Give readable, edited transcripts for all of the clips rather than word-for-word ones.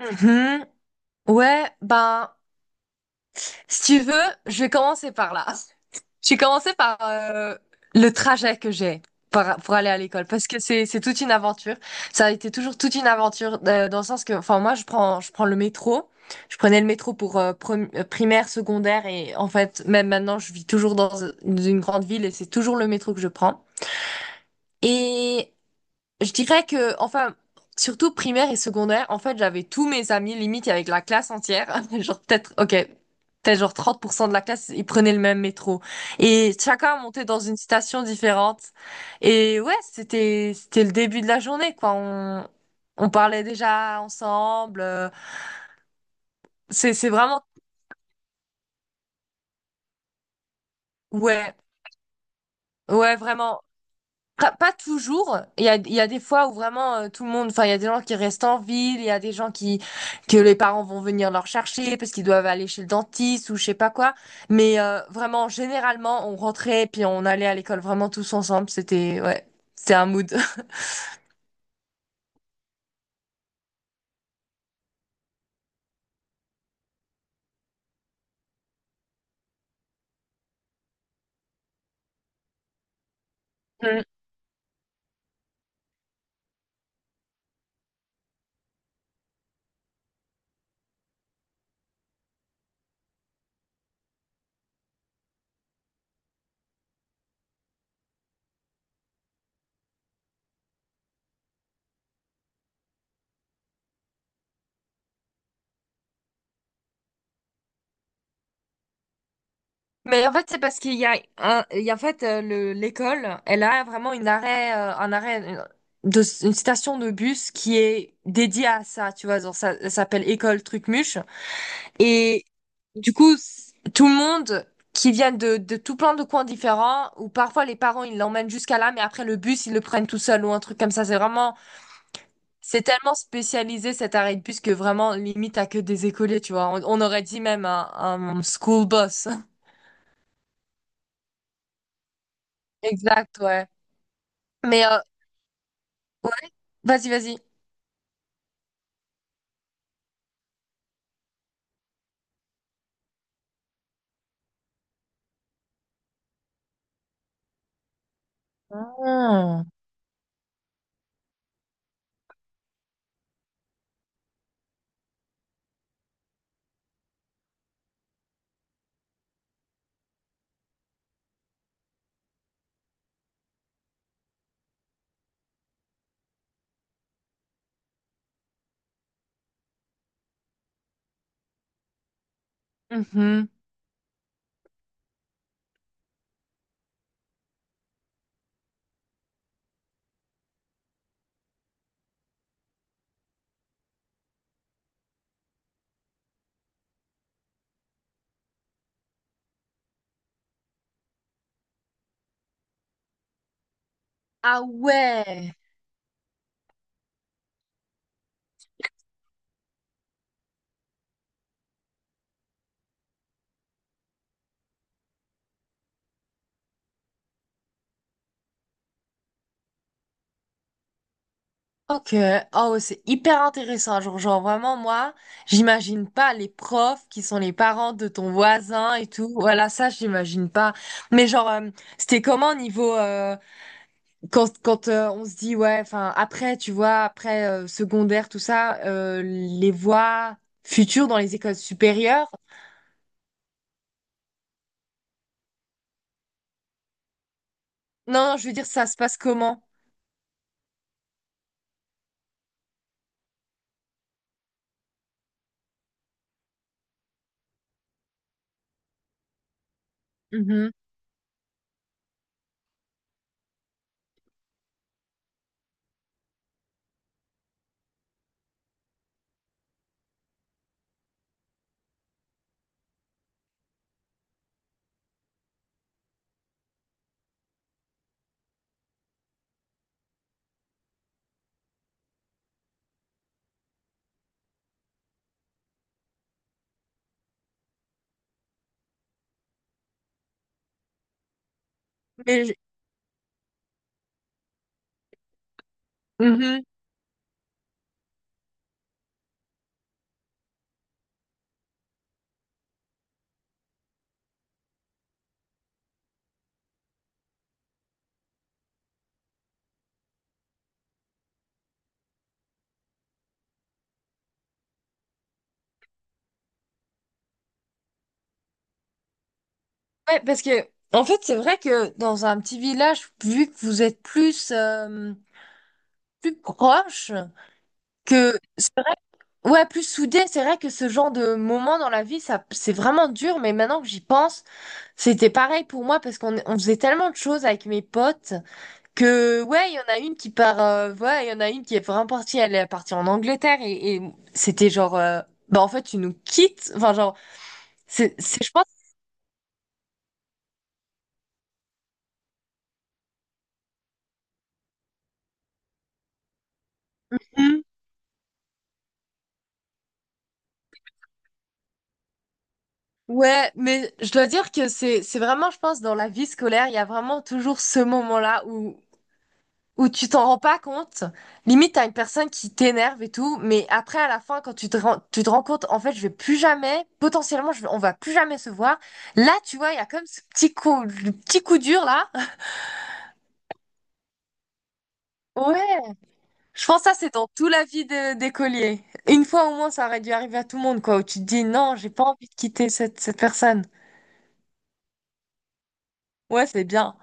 Mhm. Ouais, ben, si tu veux, je vais commencer par là. Je vais commencer par le trajet que j'ai pour aller à l'école, parce que c'est toute une aventure. Ça a été toujours toute une aventure dans le sens que, enfin, moi, je prends le métro. Je prenais le métro pour primaire, secondaire, et en fait, même maintenant, je vis toujours dans une grande ville et c'est toujours le métro que je prends. Et Je dirais que, enfin, surtout primaire et secondaire, en fait, j'avais tous mes amis, limite, avec la classe entière. Genre, peut-être, ok, peut-être genre 30 % de la classe, ils prenaient le même métro. Et chacun montait dans une station différente. Et ouais, c'était le début de la journée, quoi. On parlait déjà ensemble. C'est vraiment, ouais, ouais, vraiment. Pas toujours. Il y a des fois où vraiment tout le monde, enfin, il y a des gens qui restent en ville, il y a des gens qui, que les parents vont venir leur chercher parce qu'ils doivent aller chez le dentiste ou je sais pas quoi. Mais vraiment, généralement, on rentrait puis on allait à l'école vraiment tous ensemble. C'était, ouais, c'était un mood. Mm. Mais en fait, c'est parce qu'il y a en fait l'école, elle a vraiment une arrêt, un arrêt une- de, une station de bus qui est dédiée à ça, tu vois. Genre, ça s'appelle École Trucmuche. Et du coup, tout le monde qui vient de, tout plein de coins différents, ou parfois les parents, ils l'emmènent jusqu'à là, mais après le bus, ils le prennent tout seul ou un truc comme ça. C'est tellement spécialisé cet arrêt de bus que vraiment, limite, t'as que des écoliers, tu vois. On aurait dit même un school bus. Exact, ouais. Mais ouais, vas-y, vas-y. Ah. Mhm. Ah, ouais. Ok, oh, ouais, c'est hyper intéressant. Genre, vraiment, moi, j'imagine pas les profs qui sont les parents de ton voisin et tout. Voilà, ça, j'imagine pas. Mais genre, c'était comment au niveau quand on se dit ouais, enfin après, tu vois, après secondaire, tout ça, les voies futures dans les écoles supérieures. Non, non, je veux dire, ça se passe comment? Mhm. Mais je-. Mhm. Ouais, parce que en fait, c'est vrai que dans un petit village, vu que vous êtes plus plus proche, que c'est vrai, ouais, plus soudé, c'est vrai que ce genre de moment dans la vie, ça, c'est vraiment dur, mais maintenant que j'y pense, c'était pareil pour moi, parce qu'on faisait tellement de choses avec mes potes, que ouais il y en a une qui part, ouais il y en a une qui est vraiment partie, elle est partie en Angleterre, et c'était genre, bah en fait tu nous quittes, enfin genre, c'est je pense. Hmm. Ouais, mais je dois dire que c'est vraiment, je pense, dans la vie scolaire, il y a vraiment toujours ce moment-là où tu t'en rends pas compte. Limite, t'as une personne qui t'énerve et tout, mais après, à la fin, quand tu te rends compte, en fait, je vais plus jamais, potentiellement, on va plus jamais se voir. Là, tu vois, il y a comme ce petit coup, le petit coup dur, là. Ouais. Je pense que ça, c'est dans toute la vie d'écolier. Une fois au moins, ça aurait dû arriver à tout le monde, quoi, où tu te dis, non, j'ai pas envie de quitter cette personne. Ouais, c'est bien.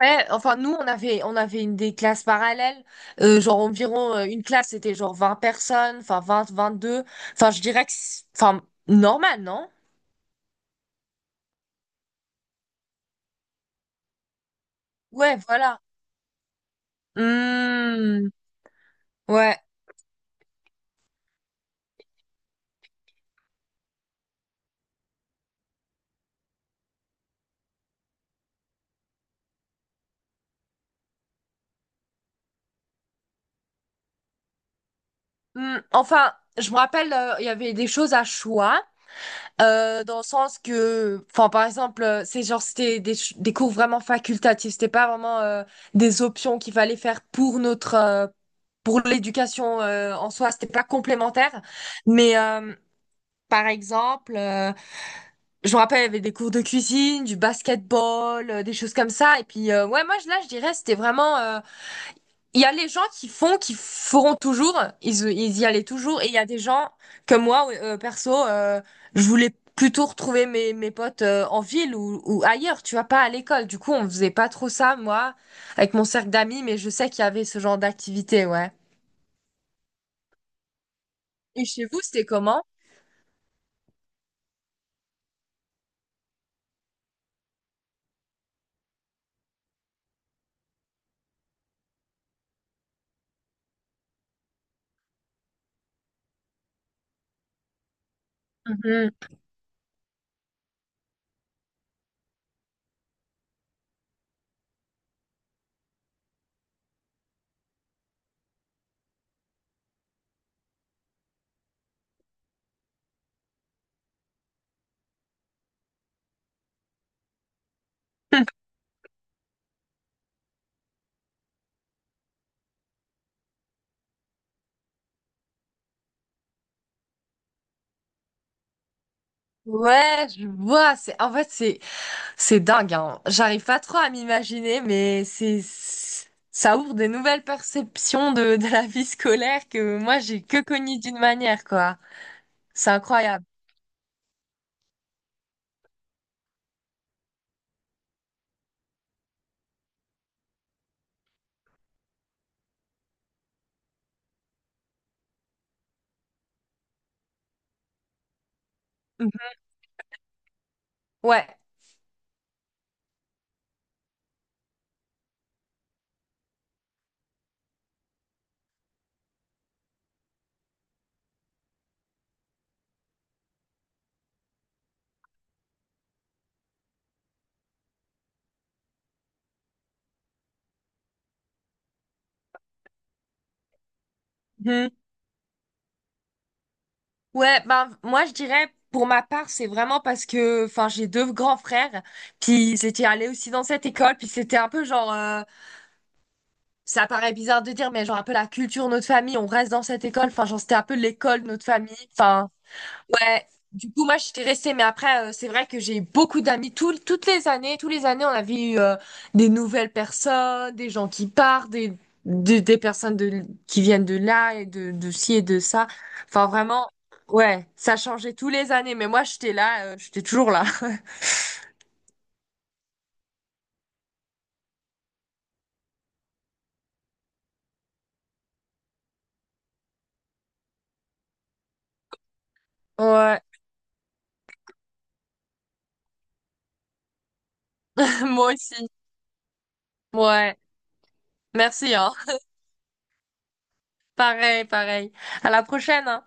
Ouais, enfin nous on avait une des classes parallèles, genre environ une classe c'était genre 20 personnes, enfin vingt deux, enfin je dirais que enfin normal, non? Ouais, voilà. Hmm, ouais. Hmm, enfin, je me rappelle il y avait des choses à choix dans le sens que enfin par exemple, c'est genre c'était des cours vraiment facultatifs, c'était pas vraiment des options qu'il fallait faire pour notre pour l'éducation en soi, c'était pas complémentaire, mais par exemple, je me rappelle, il y avait des cours de cuisine, du basketball, des choses comme ça. Et puis, ouais, moi, là, je dirais, c'était vraiment. Il y a les gens qui font, qui feront toujours, ils y allaient toujours. Et il y a des gens comme moi, ouais, perso, je voulais plutôt retrouver mes potes en ville ou ailleurs, tu vois, pas à l'école. Du coup, on faisait pas trop ça, moi, avec mon cercle d'amis, mais je sais qu'il y avait ce genre d'activité, ouais. Et chez vous, c'était comment? Mhm. Ouais, je vois. C'est en fait c'est dingue, hein. J'arrive pas trop à m'imaginer, mais c'est ça ouvre des nouvelles perceptions de, la vie scolaire que moi j'ai que connues d'une manière, quoi. C'est incroyable. Mhm. Ouais. Mhm. Ouais, ben moi je dirais pour ma part, c'est vraiment parce que enfin j'ai deux grands frères, puis ils étaient allés aussi dans cette école, puis c'était un peu genre. Ça paraît bizarre de dire, mais genre un peu la culture, notre famille, on reste dans cette école. Enfin, genre c'était un peu l'école, notre famille. Enfin, ouais. Du coup, moi, j'étais restée. Mais après, c'est vrai que j'ai eu beaucoup d'amis. Toutes les années, tous les années, on avait eu des nouvelles personnes, des gens qui partent, des personnes qui viennent de là et de ci et de ça. Enfin, vraiment, ouais, ça changeait tous les années. Mais moi, j'étais là, j'étais toujours là. Ouais, moi aussi. Ouais, merci, hein. Pareil, pareil. À la prochaine, hein.